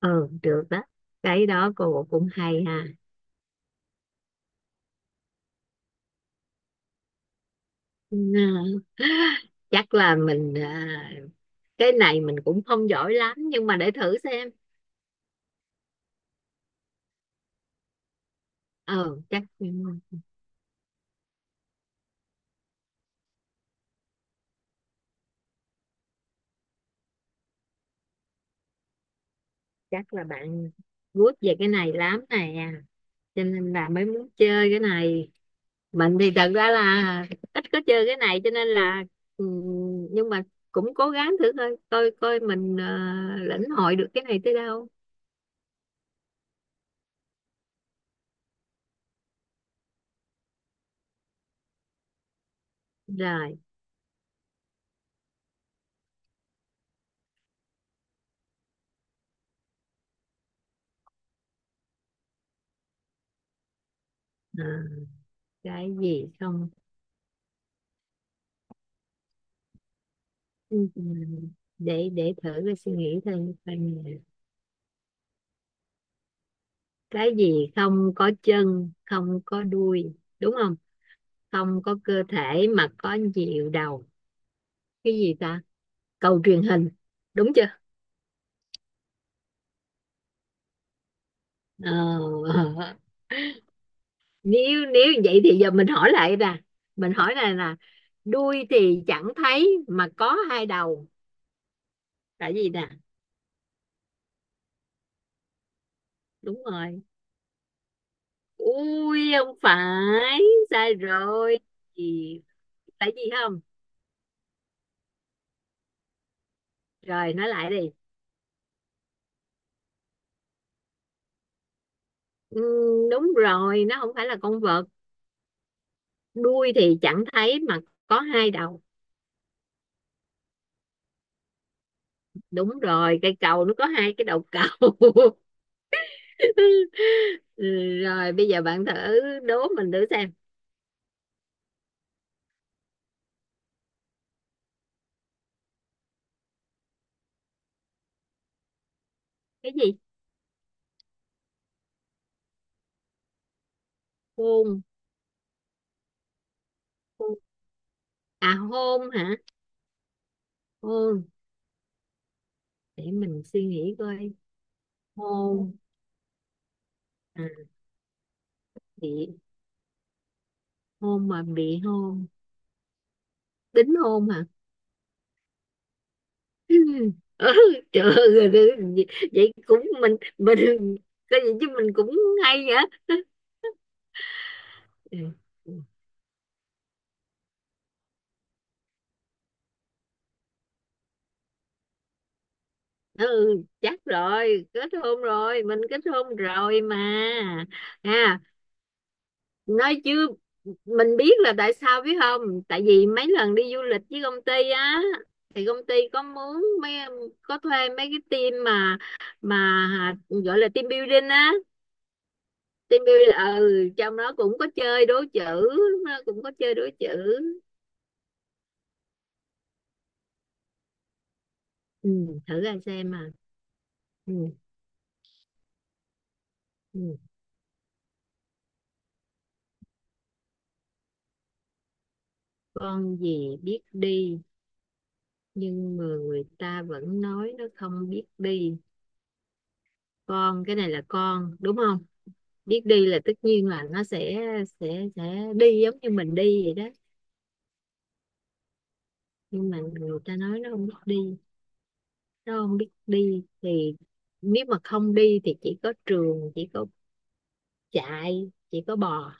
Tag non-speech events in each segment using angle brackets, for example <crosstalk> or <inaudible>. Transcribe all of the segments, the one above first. Ừ, được đó. Cái đó cô cũng hay ha. Ừ, <laughs> chắc là cái này mình cũng không giỏi lắm nhưng mà để thử xem. Ừ chắc, chắc là bạn good về cái này lắm nè, cho nên là mới muốn chơi cái này. Mình thì thật ra là ít có chơi cái này cho nên là ừ, nhưng mà cũng cố gắng thử thôi, coi coi mình lĩnh hội được cái này tới đâu. Rồi, à, cái gì không. Ừ, ừ, để thử cái suy nghĩ thêm coi nè. Cái gì không có chân không có đuôi, đúng không? Không có cơ thể mà có nhiều đầu. Cái gì ta? Cầu truyền hình, đúng chưa? Ờ, <laughs> ờ. nếu nếu vậy thì giờ mình hỏi lại nè, mình hỏi này là đuôi thì chẳng thấy mà có hai đầu, là gì nè? Đúng rồi. Ui không phải, sai rồi. Gì? Tại gì không? Rồi nói lại đi. Ừ, đúng rồi, nó không phải là con vật. Đuôi thì chẳng thấy mà có hai đầu. Đúng rồi, cây cầu nó có hai cái đầu cầu. <laughs> Ừ, rồi bây giờ bạn thử đố mình thử xem. Cái gì? Hôn. Hôn. À hôn hả? Hôn, để mình suy nghĩ coi. Hôn, à, bị hôn mà bị hôn, đính hôn hả? <laughs> Ừ, trời ơi, vậy vậy cũng mình có gì chứ, mình cũng hay vậy. <laughs> Ừ. Ừ chắc rồi, kết hôn rồi, mình kết hôn rồi mà. à nói chứ mình biết là tại sao biết không? Tại vì mấy lần đi du lịch với công ty á, thì công ty có muốn mấy, có thuê mấy cái team mà gọi là team building á. Team building, ừ trong đó cũng có chơi đố chữ, nó cũng có chơi đố chữ. Ừ, thử ra xem mà. Ừ, ừ. Con gì biết đi nhưng mà người ta vẫn nói nó không biết đi? Con, cái này là con đúng không? Biết đi là tất nhiên là nó sẽ, sẽ đi giống như mình đi vậy đó. Nhưng mà người ta nói nó không biết đi, nó không biết đi thì, nếu mà không đi thì chỉ có trường, chỉ có chạy, chỉ có bò.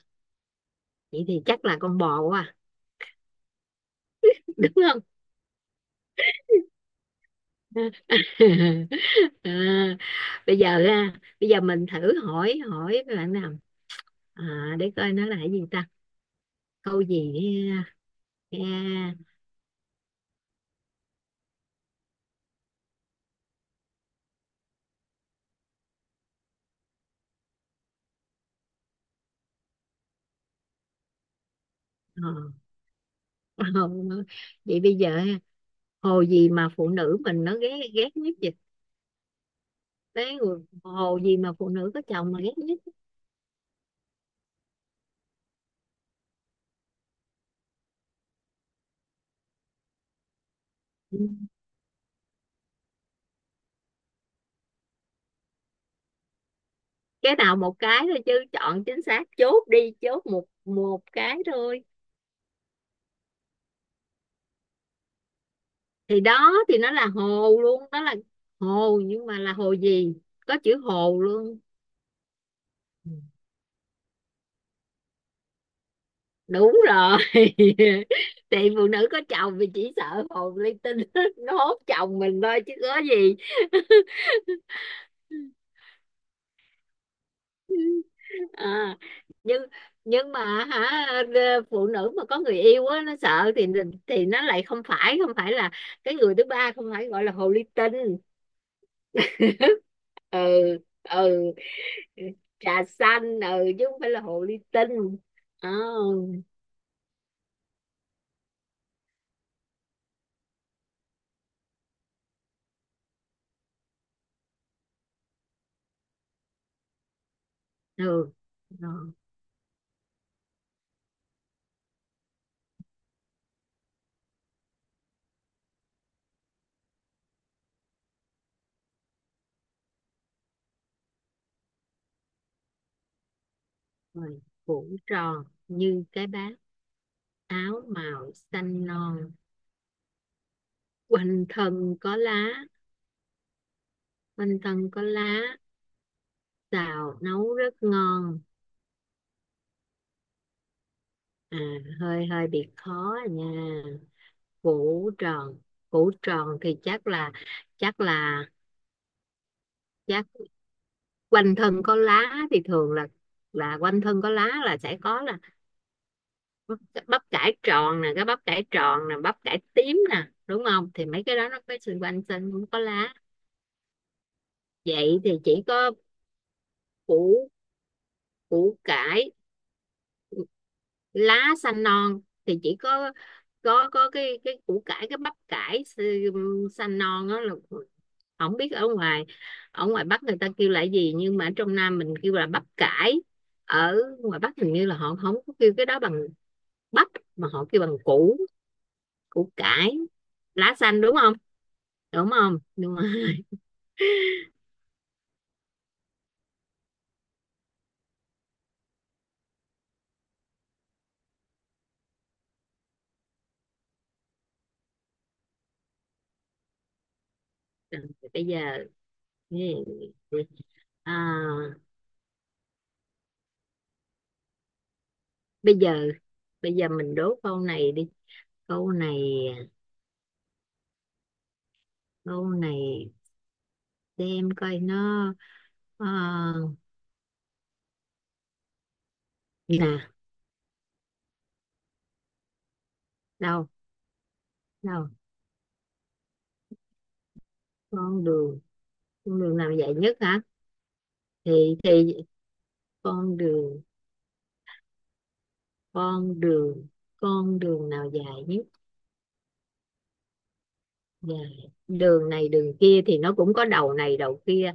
Vậy thì chắc là con bò quá à. Đúng không? <laughs> À, bây giờ ha, bây giờ mình thử hỏi, hỏi bạn nào, để coi nó là cái gì ta, câu gì, ha, ha. Ờ. Ờ. Vậy bây giờ ha, hồ gì mà phụ nữ mình nó ghét, ghét nhất vậy? Đấy, hồ gì mà phụ nữ có chồng mà ghét nhất? Ừ. Cái nào một cái thôi chứ, chọn chính xác chốt đi, chốt một một cái thôi. Thì đó, thì nó là hồ luôn đó, là hồ nhưng mà là hồ gì. Có chữ hồ luôn. Ừ. Đúng rồi. <laughs> Thì phụ nữ có chồng thì chỉ sợ hồn linh tinh <laughs> nó hốt chồng mình thôi chứ có gì. <laughs> <laughs> À, nhưng nhưng mà hả, ờ, phụ nữ mà có người yêu á nó sợ thì nó lại không phải, không phải là cái người thứ ba không phải gọi là hồ ly tinh. Ừ. Ừ. Trà xanh, ừ chứ không phải là hồ ly tinh. Ờ, ừ rồi. Rồi, cuộn tròn như cái bát, áo màu xanh non, quanh thân có lá. Quanh thân có lá, xào nấu rất ngon. À, hơi hơi bị khó à nha. Củ tròn, củ tròn thì chắc là, chắc là, chắc quanh thân có lá thì thường là quanh thân có lá là sẽ có là bắp, bắp cải tròn nè, cái bắp cải tròn nè, bắp cải tím nè, đúng không? Thì mấy cái đó nó có xung quanh xanh cũng có lá. Vậy thì chỉ có củ, củ cải. Lá xanh non thì chỉ có, có cái củ cải, cái bắp cải. Ừ, xanh non đó là, không biết ở ngoài, ở ngoài Bắc người ta kêu là gì, nhưng mà ở trong Nam mình kêu là bắp cải. Ở ngoài Bắc hình như là họ không có kêu cái đó bằng bắp, mà họ kêu bằng củ, củ cải. Lá xanh đúng không? Đúng không? Đúng rồi. <laughs> Bây giờ, à, bây giờ, bây giờ mình đố câu này đi, câu này, câu này, xem coi nó, ờ, nè. Đâu, đâu? Con đường. Con đường nào dài nhất hả? Thì, con đường, con đường, con đường nào dài nhất? Dài, đường này đường kia thì nó cũng có đầu này đầu kia.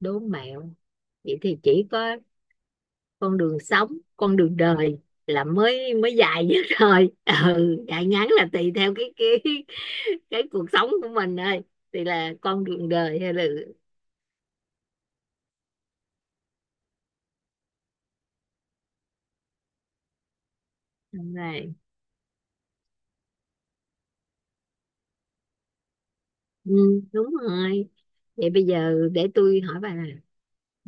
Đố mẹo. Vậy thì chỉ có con đường sống, con đường đời là mới, mới dài nhất thôi. Ừ dài ngắn là tùy theo cái cái cuộc sống của mình thôi. Thì là con đường đời hay là, đúng rồi. Ừ, đúng rồi, vậy bây giờ để tôi hỏi bà nè,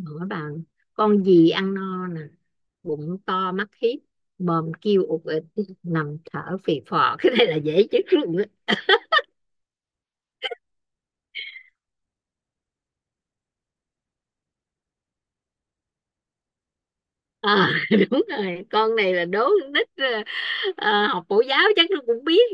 hỏi bà, con gì ăn no nè, bụng to mắt hiếp, mồm kêu ụt ịt, nằm thở phì phò. <laughs> Cái này là dễ chết luôn á. À, <laughs> đúng rồi, con này là đố con nít, ờ, ờ, học mẫu giáo chắc nó cũng biết.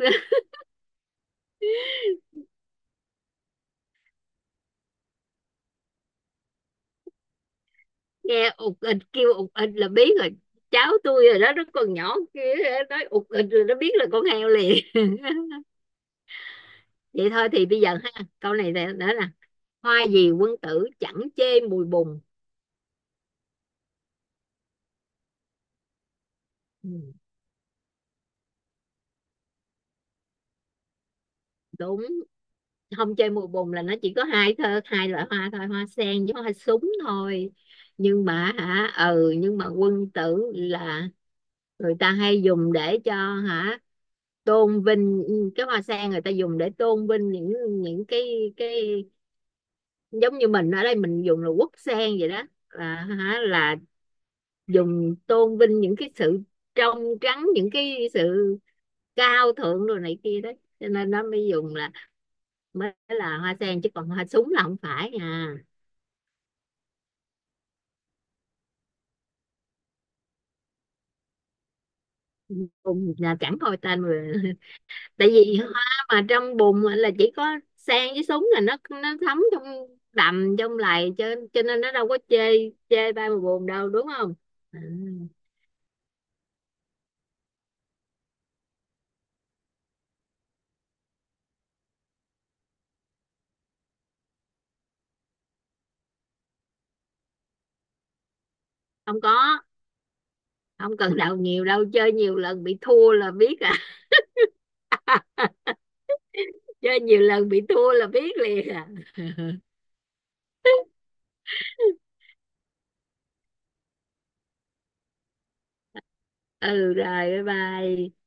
Nghe ụt ịt, kêu ụt ịt là biết rồi. Cháu tôi rồi đó, nó còn nhỏ kia, nói ụt ịt rồi nó biết là con heo liền. <laughs> Vậy thôi thì bây giờ ha, câu này nè- nữa nè, hoa gì quân tử chẳng chê mùi bùn? Ừ, đúng không chê mùi bùn là nó chỉ có hai thơ, hai loại hoa thôi, hoa sen với hoa súng thôi. Nhưng mà hả, ừ nhưng mà quân tử là, người ta hay dùng để cho hả, tôn vinh, cái hoa sen người ta dùng để tôn vinh những, những cái giống như mình ở đây mình dùng là quốc sen vậy đó, là hả, là dùng tôn vinh những cái sự trong trắng, những cái sự cao thượng rồi này kia đấy, cho nên nó mới dùng là, mới là hoa sen chứ còn hoa súng là không phải à. Bùn là chẳng coi tên rồi. <laughs> Tại vì hoa mà trong bùn là chỉ có sen với súng là nó thấm trong đầm trong lầy, cho nên nó đâu có chê, chê ba mà buồn đâu, đúng không? À, không có, không cần đầu nhiều đâu, chơi nhiều lần bị thua là biết à. <laughs> Chơi nhiều lần bị thua là biết liền à. Ừ rồi, bye bye.